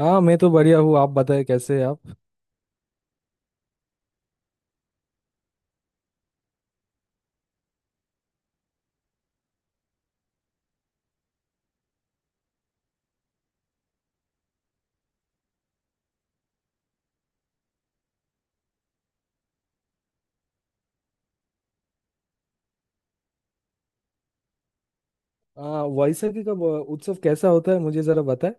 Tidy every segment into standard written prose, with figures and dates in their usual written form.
हाँ, मैं तो बढ़िया हूँ। आप बताएं, कैसे हैं आप। हाँ, वैसाखी का उत्सव कैसा होता है, मुझे जरा बताएं।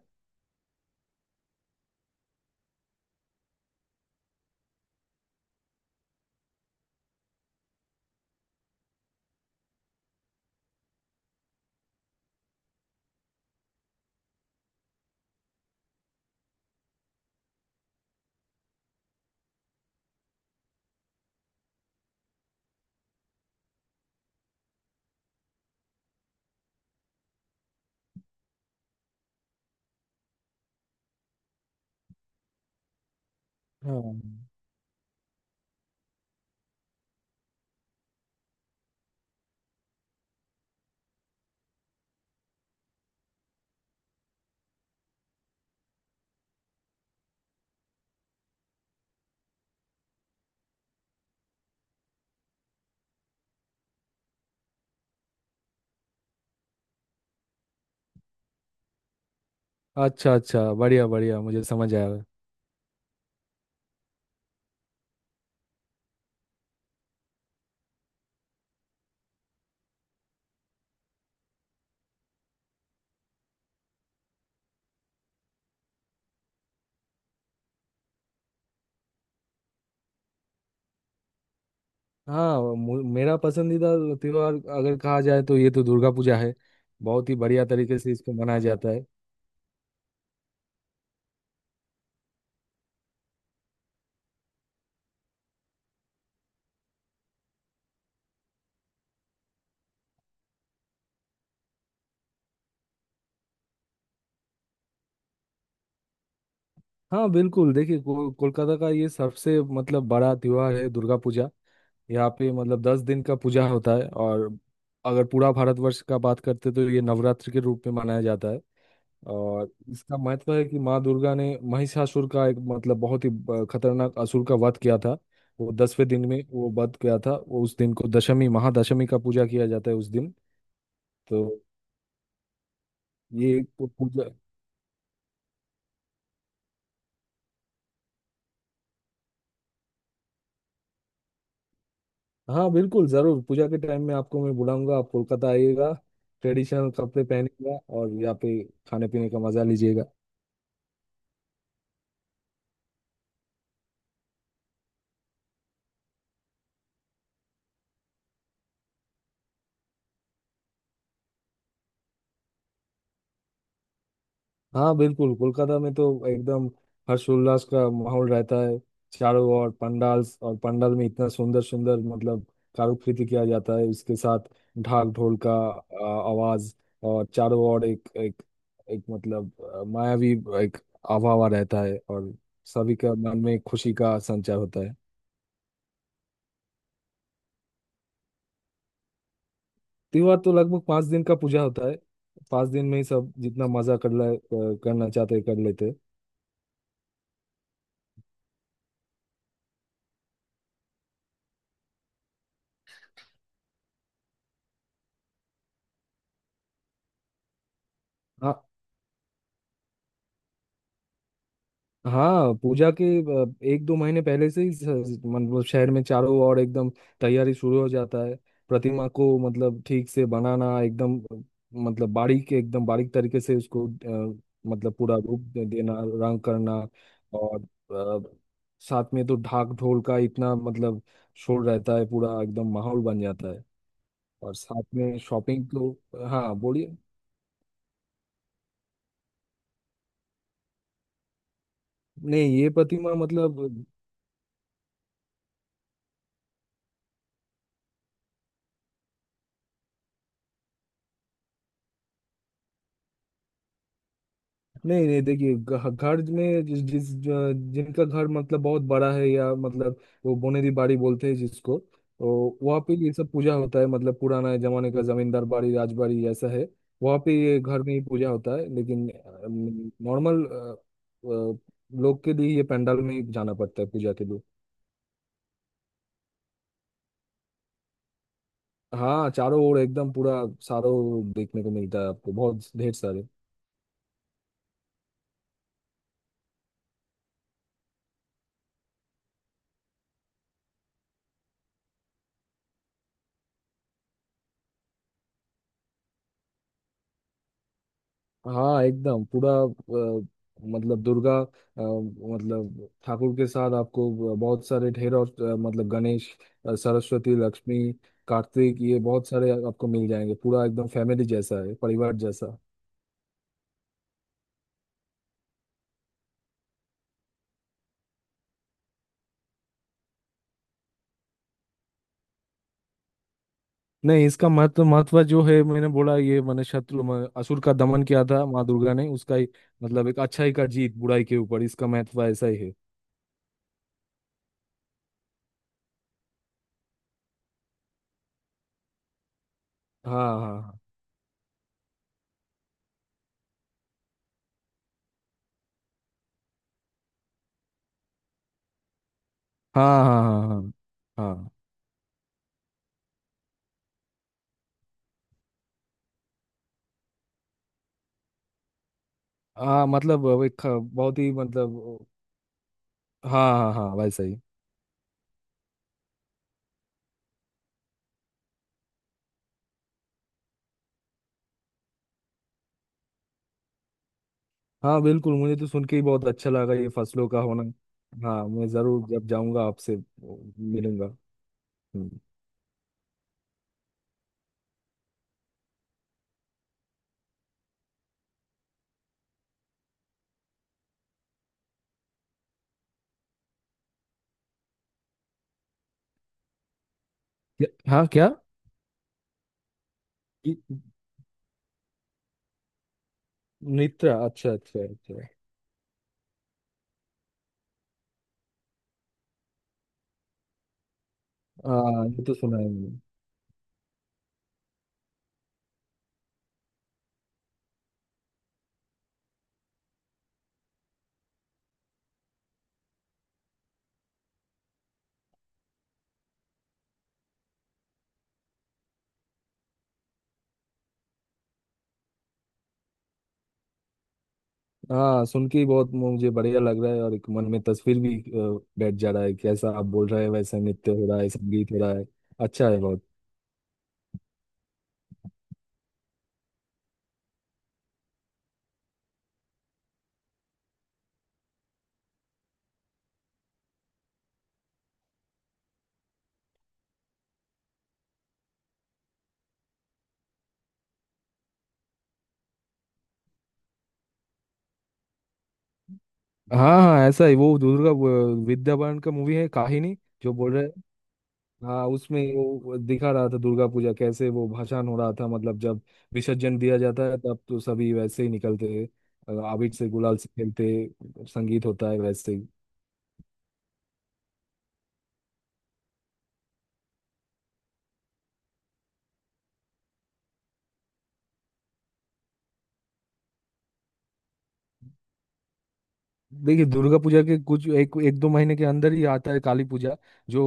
हाँ, अच्छा अच्छा, बढ़िया बढ़िया, मुझे समझ आया। हाँ, मेरा पसंदीदा त्योहार अगर कहा जाए तो ये तो दुर्गा पूजा है। बहुत ही बढ़िया तरीके से इसको मनाया जाता है। हाँ बिल्कुल, देखिए कोलकाता का ये सबसे मतलब बड़ा त्योहार है, दुर्गा पूजा। यहाँ पे मतलब दस दिन का पूजा होता है, और अगर पूरा भारतवर्ष का बात करते तो ये नवरात्र के रूप में मनाया जाता है। और इसका महत्व है कि माँ दुर्गा ने महिषासुर का एक मतलब बहुत ही खतरनाक असुर का वध किया था। वो दसवें दिन में वो वध किया था, वो उस दिन को दशमी महादशमी का पूजा किया जाता है उस दिन। तो ये एक पूजा। हाँ बिल्कुल, जरूर पूजा के टाइम में आपको मैं बुलाऊंगा, आप कोलकाता आइएगा। ट्रेडिशनल कपड़े पहनिएगा और यहाँ पे खाने पीने का मजा लीजिएगा। हाँ बिल्कुल, कोलकाता में तो एकदम हर्षोल्लास का माहौल रहता है। चारों ओर पंडाल, और पंडाल में इतना सुंदर सुंदर मतलब कारुकृति किया जाता है। उसके साथ ढाक ढोल का आवाज, और चारों ओर एक एक एक मतलब मायावी एक आवावा रहता है, और सभी का मन में खुशी का संचार होता है। त्योहार तो लगभग पाँच दिन का पूजा होता है। पाँच दिन में ही सब जितना मजा कर ले करना चाहते हैं, कर लेते हैं। हाँ हाँ, पूजा के एक दो महीने पहले से ही मतलब शहर में चारों ओर एकदम तैयारी शुरू हो जाता है। प्रतिमा को मतलब ठीक से बनाना, एकदम मतलब बारीक, एकदम बारीक तरीके से उसको मतलब पूरा रूप देना, रंग करना। और अ, साथ में तो ढाक ढोल का इतना मतलब शोर रहता है, पूरा एकदम माहौल बन जाता है। और साथ में शॉपिंग तो। हाँ बोलिए। नहीं ये प्रतिमा मतलब। नहीं नहीं, देखिए घर में जिस जिस जिनका घर मतलब बहुत बड़ा है, या मतलब वो बोनेरी बाड़ी बोलते हैं जिसको, तो वहाँ पे ये सब पूजा होता है। मतलब पुराना जमाने का जमींदार बाड़ी राजबाड़ी ऐसा है, वहाँ पे ये घर में ही पूजा होता है। लेकिन नॉर्मल लोग के लिए ये पंडाल में ही जाना पड़ता है पूजा के लिए। हाँ, चारों ओर एकदम पूरा सारों देखने को मिलता है आपको, बहुत ढेर सारे। हाँ एकदम पूरा अ, मतलब दुर्गा मतलब ठाकुर के साथ आपको बहुत सारे ढेर, और मतलब गणेश, सरस्वती, लक्ष्मी, कार्तिक, ये बहुत सारे आपको मिल जाएंगे। पूरा एकदम फैमिली जैसा है, परिवार जैसा। नहीं इसका महत्व, महत्व जो है, मैंने बोला ये मैंने शत्रु असुर का दमन किया था माँ दुर्गा ने उसका ही, मतलब एक अच्छाई का जीत बुराई के ऊपर, इसका महत्व ऐसा ही है। हाँ हाँ हाँ हाँ। हाँ हाँ हाँ हाँ, हाँ मतलब वो एक बहुत ही मतलब। हाँ हाँ हाँ, वैसा ही। हाँ बिल्कुल, मुझे तो सुन के ही बहुत अच्छा लगा, ये फसलों का होना। हाँ, मैं जरूर जब जाऊंगा आपसे मिलूंगा। हम्म। हाँ क्या। इ- नित्रा, अच्छा अच्छा अच्छा। हाँ ये तो सुना है मैंने। हाँ सुन के ही बहुत मुझे बढ़िया लग रहा है, और एक मन में तस्वीर भी बैठ जा रहा है, कैसा आप बोल रहे हैं वैसा नृत्य हो रहा है, संगीत हो रहा है। अच्छा है बहुत। हाँ हाँ ऐसा ही, वो दुर्गा वो विद्या बालन का मूवी है, काहिनी। जो बोल रहे, हाँ, उसमें वो दिखा रहा था दुर्गा पूजा कैसे, वो भाषण हो रहा था। मतलब जब विसर्जन दिया जाता है तब तो सभी वैसे ही निकलते हैं, अबीर से गुलाल से खेलते, संगीत होता है, वैसे ही। देखिए दुर्गा पूजा के कुछ एक एक दो महीने के अंदर ही आता है काली पूजा, जो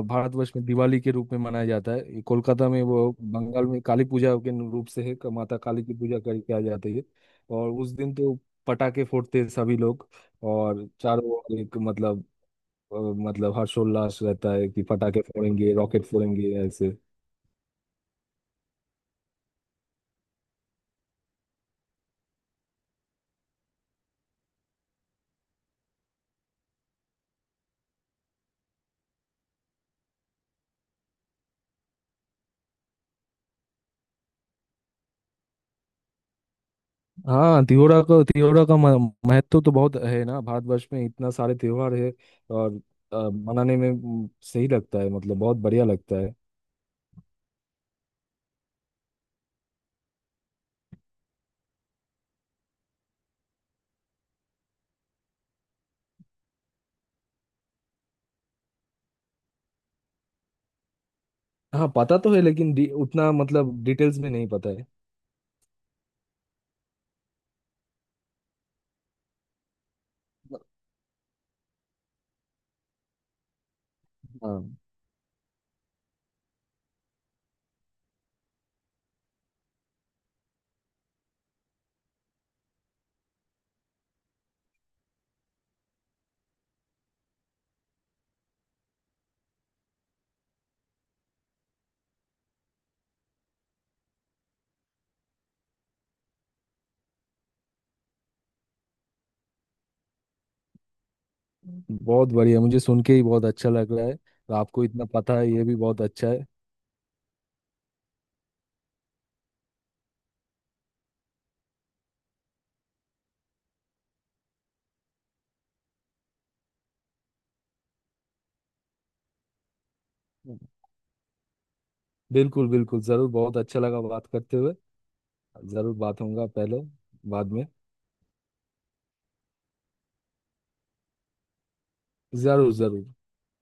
भारतवर्ष में दिवाली के रूप में मनाया जाता है। ये कोलकाता में वो बंगाल में काली पूजा के रूप से है, माता काली की पूजा कर किया जाती है। और उस दिन तो पटाखे फोड़ते हैं सभी लोग, और चारों ओर एक मतलब अ, मतलब हर्षोल्लास रहता है कि पटाखे फोड़ेंगे रॉकेट फोड़ेंगे ऐसे। हाँ त्योहार का, त्योहार का महत्व तो बहुत है ना, भारतवर्ष में इतना सारे त्योहार है। और मनाने में सही लगता है, मतलब बहुत बढ़िया लगता है। हाँ पता तो है, लेकिन उतना मतलब डिटेल्स में नहीं पता है। हाँ बहुत बढ़िया, मुझे सुन के ही बहुत अच्छा लग रहा है, और आपको इतना पता है, ये भी बहुत अच्छा है। बिल्कुल बिल्कुल जरूर, बहुत अच्छा लगा बात करते हुए। जरूर बात होगा, पहले बाद में। जरूर जरूर।